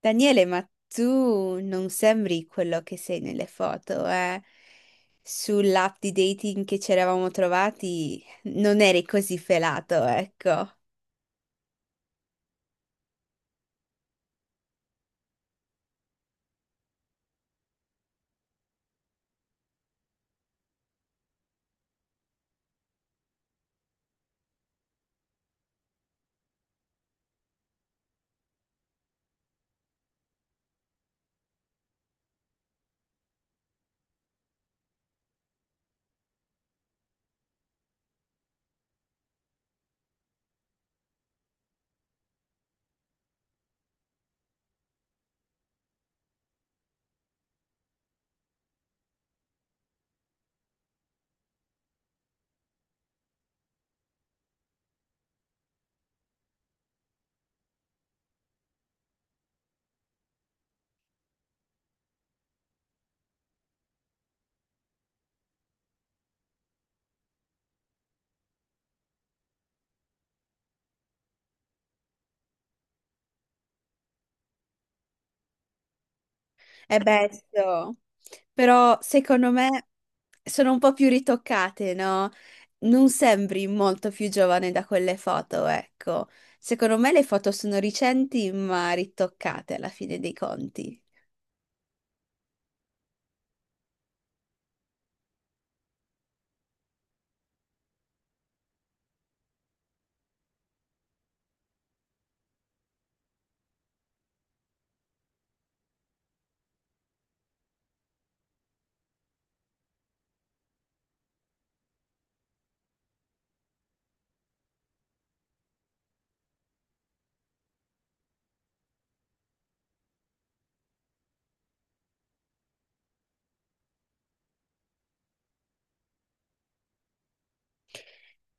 Daniele, ma tu non sembri quello che sei nelle foto, eh? Sull'app di dating che ci eravamo trovati non eri così felato, ecco. È bello. Però secondo me sono un po' più ritoccate, no? Non sembri molto più giovane da quelle foto, ecco. Secondo me le foto sono recenti, ma ritoccate alla fine dei conti.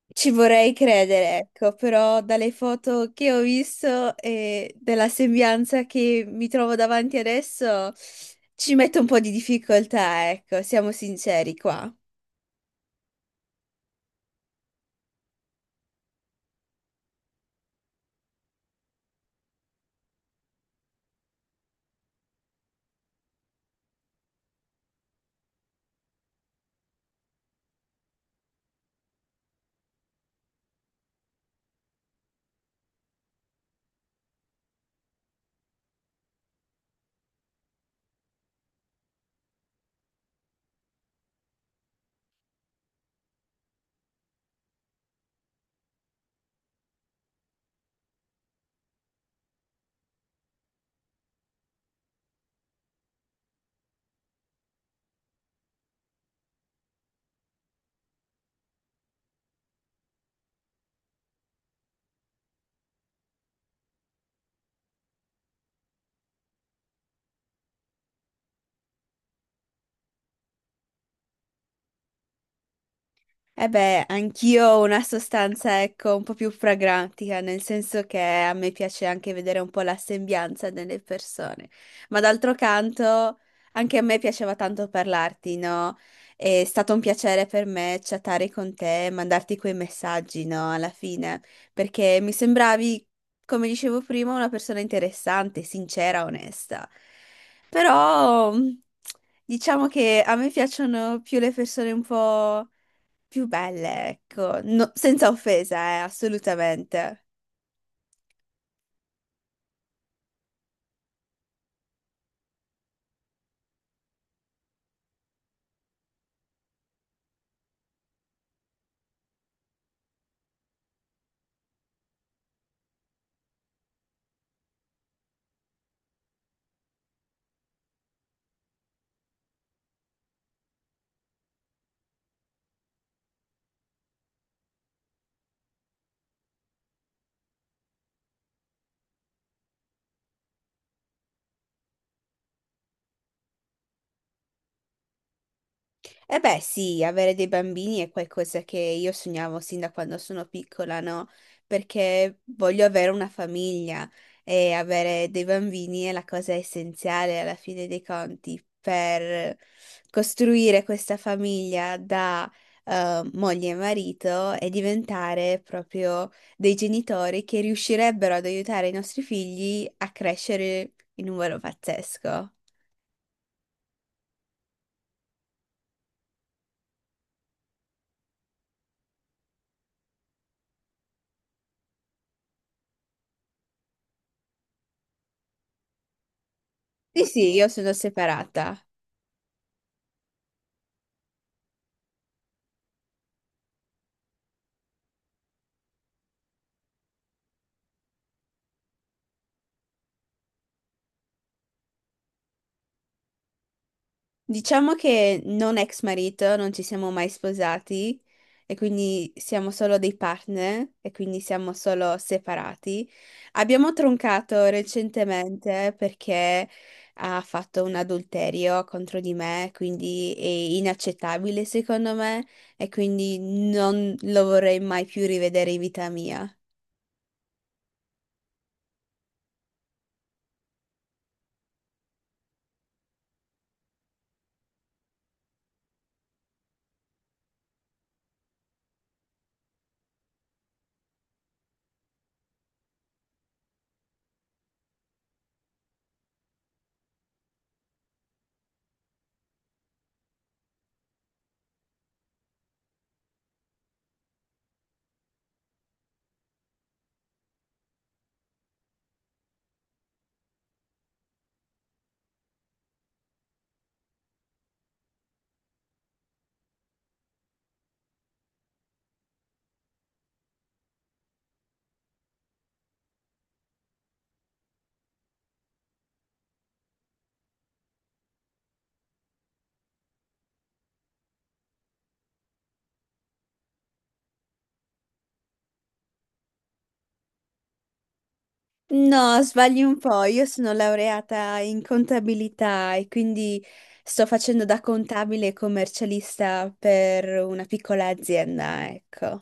Ci vorrei credere, ecco, però dalle foto che ho visto e della sembianza che mi trovo davanti adesso ci metto un po' di difficoltà, ecco, siamo sinceri qua. Eh beh, anch'io ho una sostanza, ecco, un po' più pragmatica, nel senso che a me piace anche vedere un po' la sembianza delle persone. Ma d'altro canto, anche a me piaceva tanto parlarti, no? È stato un piacere per me chattare con te, mandarti quei messaggi, no? Alla fine, perché mi sembravi, come dicevo prima, una persona interessante, sincera, onesta. Però, diciamo che a me piacciono più le persone un po' più belle, ecco, senza offesa, assolutamente. Eh beh, sì, avere dei bambini è qualcosa che io sognavo sin da quando sono piccola, no? Perché voglio avere una famiglia e avere dei bambini è la cosa essenziale alla fine dei conti per costruire questa famiglia da moglie e marito e diventare proprio dei genitori che riuscirebbero ad aiutare i nostri figli a crescere in un modo pazzesco. Sì, sì, io sono separata. Diciamo che non ex marito, non ci siamo mai sposati e quindi siamo solo dei partner e quindi siamo solo separati. Abbiamo troncato recentemente perché ha fatto un adulterio contro di me, quindi è inaccettabile secondo me e quindi non lo vorrei mai più rivedere in vita mia. No, sbagli un po', io sono laureata in contabilità e quindi sto facendo da contabile e commercialista per una piccola azienda, ecco.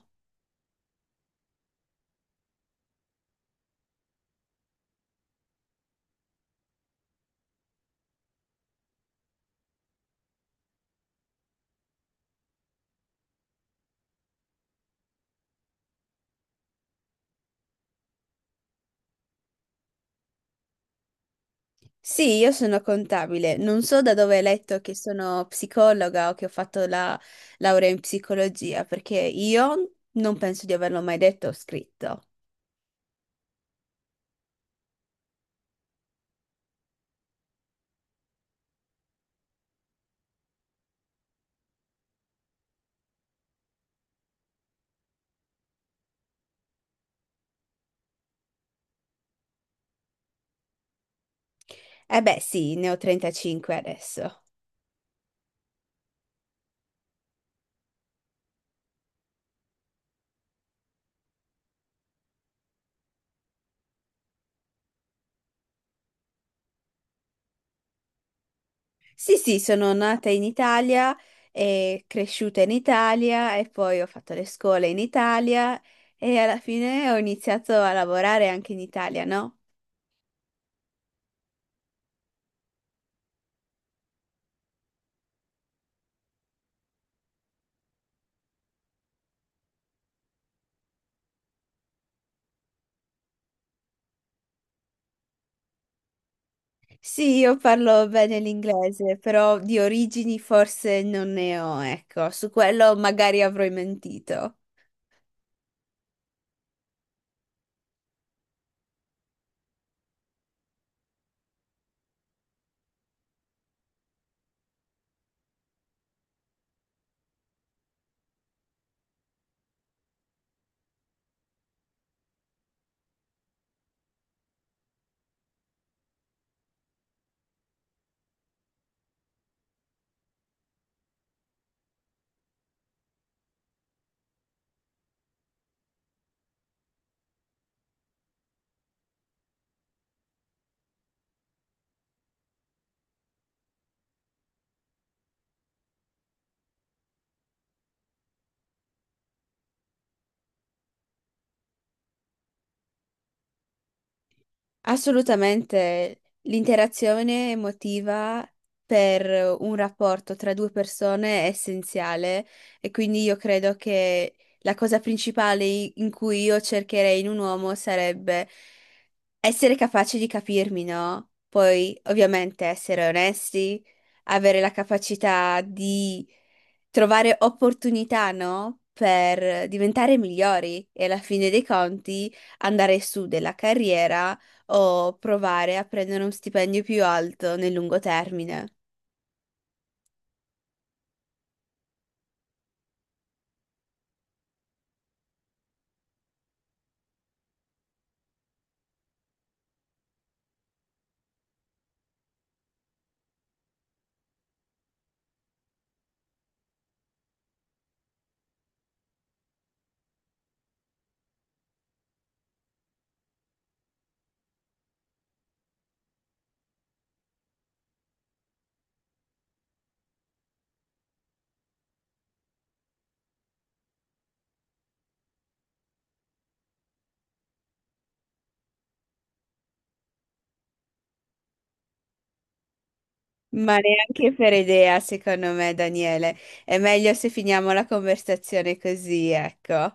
Sì, io sono contabile, non so da dove hai letto che sono psicologa o che ho fatto la laurea in psicologia, perché io non penso di averlo mai detto o scritto. Eh beh, sì, ne ho 35 adesso. Sì, sì, sono nata in Italia e cresciuta in Italia e poi ho fatto le scuole in Italia e alla fine ho iniziato a lavorare anche in Italia, no? Sì, io parlo bene l'inglese, però di origini forse non ne ho, ecco, su quello magari avrò mentito. Assolutamente, l'interazione emotiva per un rapporto tra due persone è essenziale e quindi io credo che la cosa principale in cui io cercherei in un uomo sarebbe essere capaci di capirmi, no? Poi, ovviamente, essere onesti, avere la capacità di trovare opportunità, no? Per diventare migliori e alla fine dei conti andare su della carriera o provare a prendere un stipendio più alto nel lungo termine. Ma neanche per idea, secondo me, Daniele. È meglio se finiamo la conversazione così, ecco.